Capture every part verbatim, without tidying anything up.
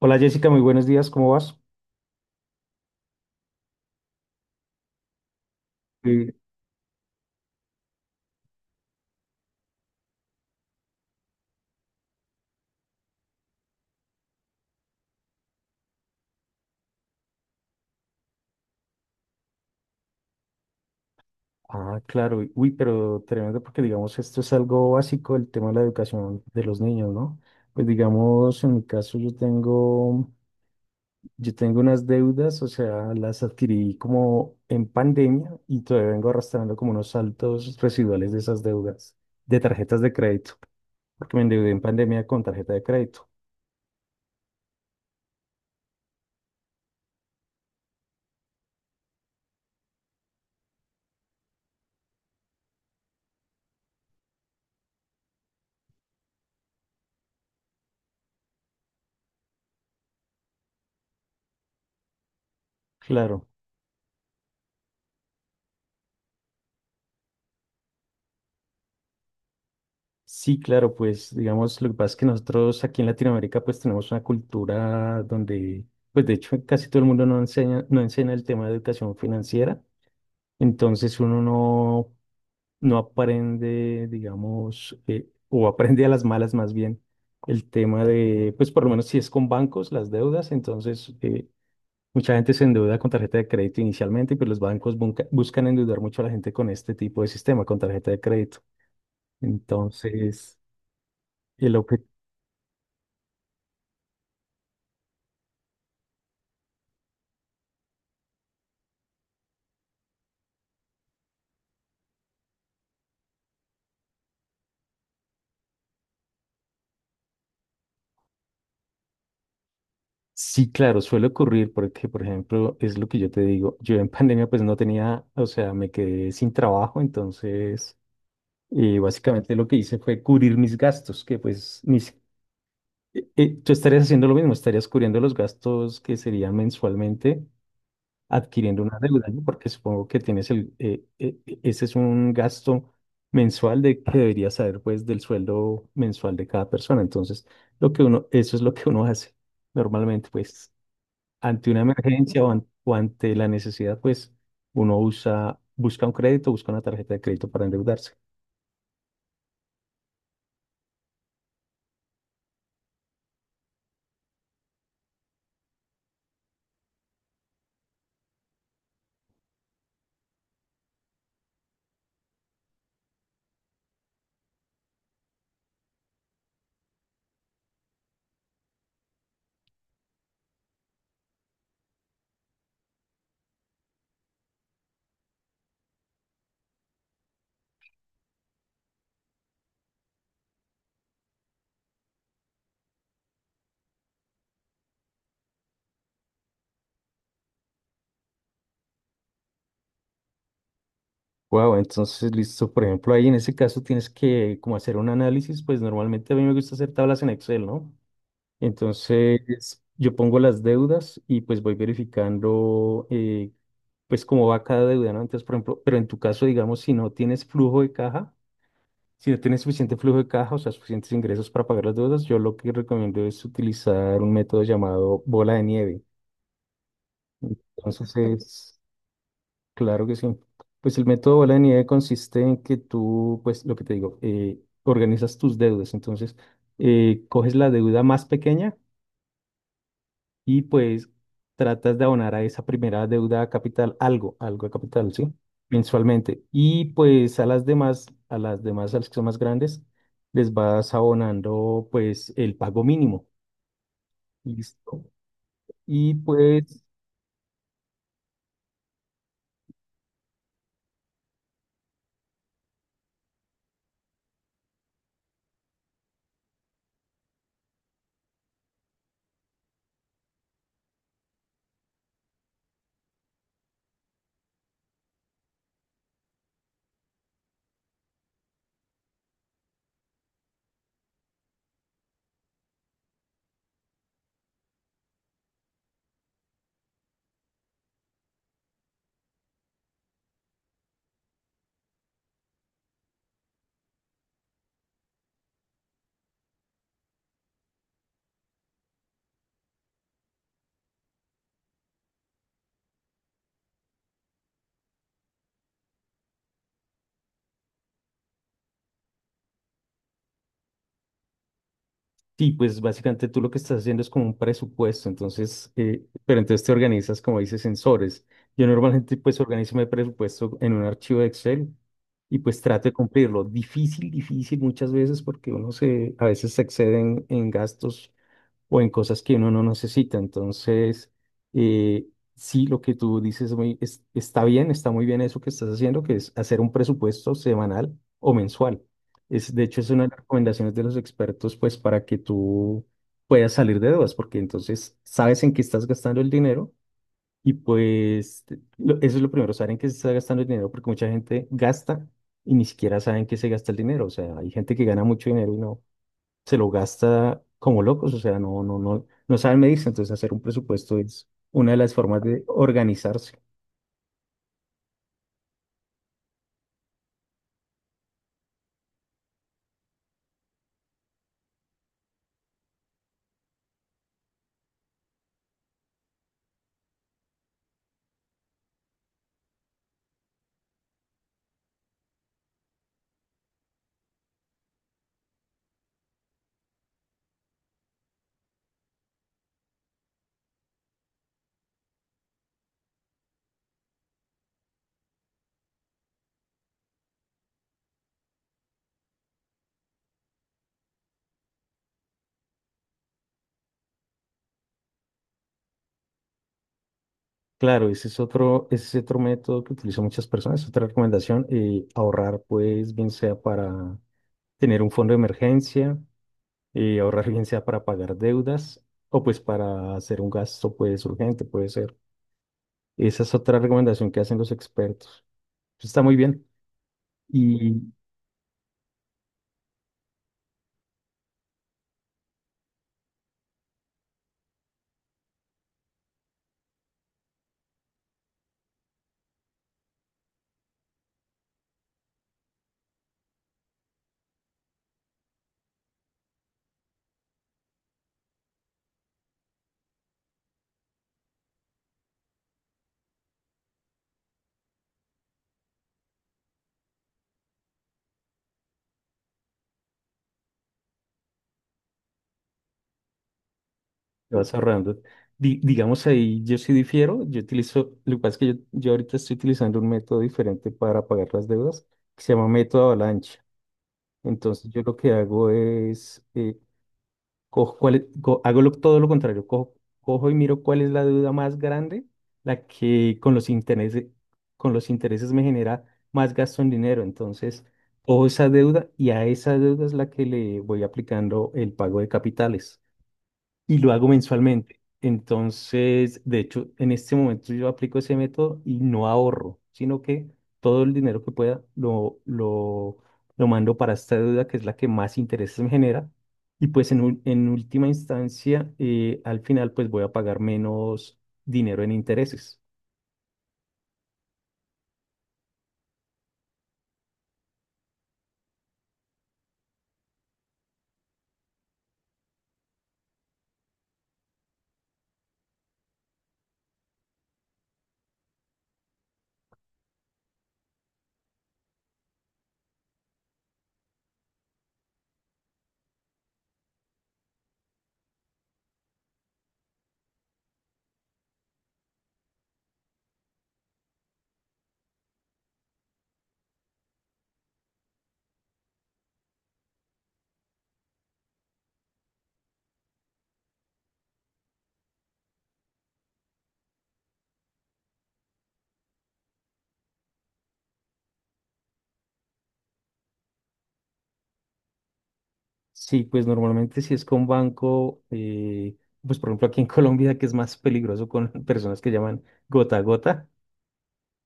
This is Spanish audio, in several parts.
Hola Jessica, muy buenos días, ¿cómo vas? Sí. Ah, claro, uy, uy, pero tremendo porque digamos esto es algo básico, el tema de la educación de los niños, ¿no? Pues digamos, en mi caso yo tengo, yo tengo unas deudas, o sea, las adquirí como en pandemia y todavía vengo arrastrando como unos saltos residuales de esas deudas, de tarjetas de crédito, porque me endeudé en pandemia con tarjeta de crédito. Claro. Sí, claro, pues digamos, lo que pasa es que nosotros aquí en Latinoamérica pues tenemos una cultura donde, pues de hecho casi todo el mundo no enseña, no enseña el tema de educación financiera, entonces uno no, no aprende, digamos, eh, o aprende a las malas más bien el tema de, pues por lo menos si es con bancos, las deudas, entonces eh, mucha gente se endeuda con tarjeta de crédito inicialmente, pero los bancos bunca- buscan endeudar mucho a la gente con este tipo de sistema, con tarjeta de crédito. Entonces... El objetivo. Sí, claro, suele ocurrir porque, por ejemplo, es lo que yo te digo, yo en pandemia pues no tenía, o sea, me quedé sin trabajo, entonces eh, básicamente lo que hice fue cubrir mis gastos, que pues mis, eh, eh, tú estarías haciendo lo mismo, estarías cubriendo los gastos que serían mensualmente adquiriendo una deuda, ¿no? Porque supongo que tienes el, eh, eh, eh, ese es un gasto mensual de que deberías saber pues del sueldo mensual de cada persona, entonces lo que uno, eso es lo que uno hace normalmente pues ante una emergencia o, an- o ante la necesidad, pues uno usa, busca un crédito, busca una tarjeta de crédito para endeudarse. Wow, entonces listo, por ejemplo, ahí en ese caso tienes que como hacer un análisis, pues normalmente a mí me gusta hacer tablas en Excel, ¿no? Entonces yo pongo las deudas y pues voy verificando eh, pues cómo va cada deuda, ¿no? Entonces, por ejemplo, pero en tu caso, digamos, si no tienes flujo de caja, si no tienes suficiente flujo de caja, o sea, suficientes ingresos para pagar las deudas, yo lo que recomiendo es utilizar un método llamado bola de nieve. Entonces, es- claro que sí. Pues el método bola de nieve consiste en que tú, pues lo que te digo, eh, organizas tus deudas. Entonces, eh, coges la deuda más pequeña y pues tratas de abonar a esa primera deuda a capital algo, algo a capital, ¿sí? Mensualmente. Y pues a las demás, a las demás, a las que son más grandes, les vas abonando pues el pago mínimo. Listo. Y pues sí, pues básicamente tú lo que estás haciendo es como un presupuesto, entonces, eh, pero entonces te organizas, como dices, sensores. Yo normalmente pues organizo mi presupuesto en un archivo de Excel y pues trato de cumplirlo. Difícil, difícil muchas veces porque uno se, a veces se excede en, en gastos o en cosas que uno no necesita. Entonces, eh, sí, lo que tú dices muy, es- está bien, está muy bien eso que estás haciendo, que es hacer un presupuesto semanal o mensual. Es, de hecho, es una de las recomendaciones de los expertos, pues, para que tú puedas salir de dudas, porque entonces sabes en qué estás gastando el dinero y pues te- lo- eso es lo primero, saber en qué se está gastando el dinero, porque mucha gente gasta y ni siquiera saben qué se gasta el dinero. O sea, hay gente que gana mucho dinero se lo gasta como locos, o sea, no, no, no, no saben medirse, entonces hacer un presupuesto es una de las formas de organizarse. Claro, ese es otro, ese es otro método que utilizan muchas personas, otra recomendación, eh, ahorrar pues bien sea para tener un fondo de emergencia, eh, ahorrar bien sea para pagar deudas o pues para hacer un gasto pues urgente, puede ser. Esa es otra recomendación que hacen los expertos. Está muy bien. Y te vas ahorrando. Di- digamos ahí, yo sí difiero, yo utilizo, lo que pasa es que yo, yo ahorita estoy utilizando un método diferente para pagar las deudas, que se llama método avalancha. Entonces yo lo que hago es, eh, cojo cuál es- co- hago lo- todo lo contrario, cojo, cojo y miro cuál es la deuda más grande, la que con los intereses, con los intereses me genera más gasto en dinero. Entonces, cojo esa deuda y a esa deuda es la que le voy aplicando el pago de capitales y lo hago mensualmente. Entonces, de hecho, en este momento yo aplico ese método y no ahorro, sino que todo el dinero que pueda lo, lo, lo mando para esta deuda que es la que más intereses me genera. Y pues en, ul- en última instancia, eh, al final, pues voy a pagar menos dinero en intereses. Sí, pues normalmente si es con banco, eh, pues por ejemplo aquí en Colombia, que es más peligroso con personas que llaman gota a gota.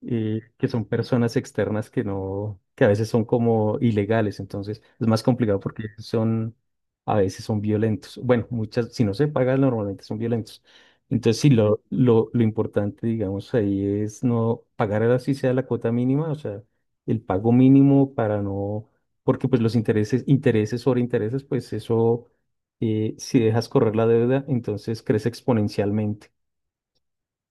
Eh, que son personas externas que no, que a veces son como ilegales, entonces es más complicado porque son, a veces son violentos. Bueno, muchas, si no se paga, normalmente son violentos. Entonces, sí, lo, lo, lo importante, digamos, ahí es no pagar así sea la cuota mínima, o sea, el pago mínimo para no, porque pues los intereses, intereses sobre intereses, pues eso, eh, si dejas correr la deuda, entonces crece exponencialmente.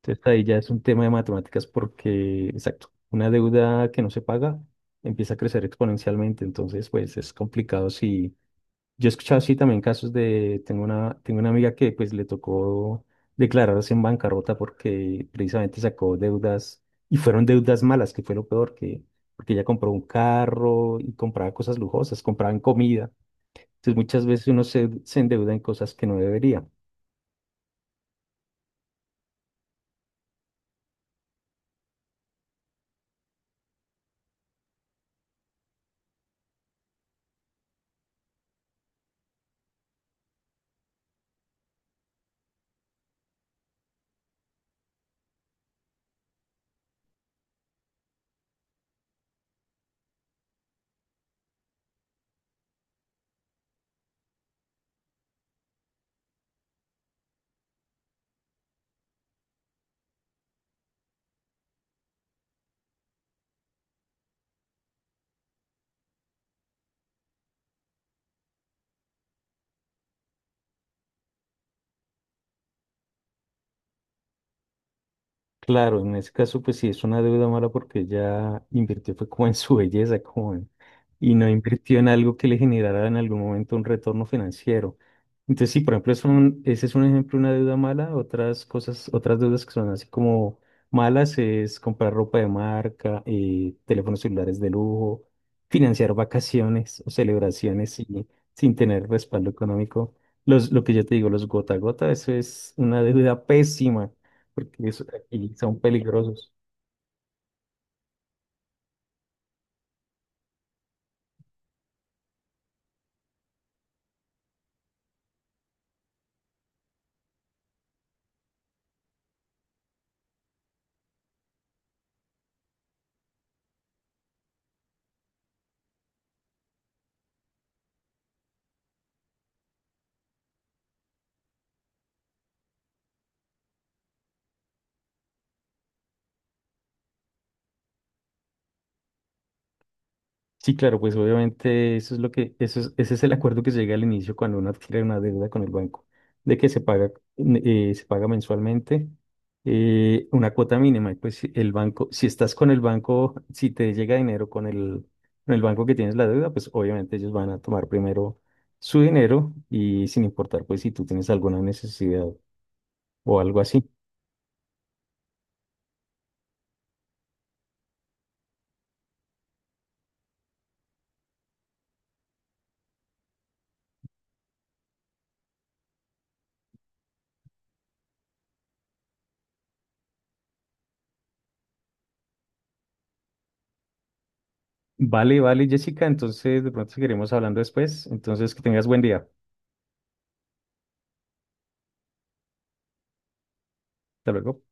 Entonces ahí ya es un tema de matemáticas porque, exacto, una deuda que no se paga empieza a crecer exponencialmente, entonces pues es complicado si... Yo he escuchado así también casos de, tengo una, tengo una amiga que pues le tocó declararse en bancarrota porque precisamente sacó deudas y fueron deudas malas, que fue lo peor, que porque ella compró un carro y compraba cosas lujosas, compraba en comida. Entonces muchas veces uno se, se endeuda en cosas que no debería. Claro, en ese caso, pues sí es una deuda mala porque ya invirtió fue como en su belleza, como en- y no invirtió en algo que le generara en algún momento un retorno financiero. Entonces, sí, por ejemplo, es un- ese es un ejemplo de una deuda mala. Otras cosas, otras deudas que son así como malas es comprar ropa de marca, eh, teléfonos celulares de lujo, financiar vacaciones o celebraciones sin, sin tener respaldo económico. Los, lo que yo te digo, los gota a gota, eso es una deuda pésima porque es- y son peligrosos. Sí, claro, pues obviamente eso es lo que, eso es- ese es el acuerdo que se llega al inicio cuando uno adquiere una deuda con el banco, de que se paga, eh, se paga mensualmente eh, una cuota mínima. Y pues si el banco, si estás con el banco, si te llega dinero con el, con el banco que tienes la deuda, pues obviamente ellos van a tomar primero su dinero y sin importar pues si tú tienes alguna necesidad o algo así. Vale, vale, Jessica, entonces de pronto seguiremos hablando después. Entonces que tengas buen día. Hasta luego.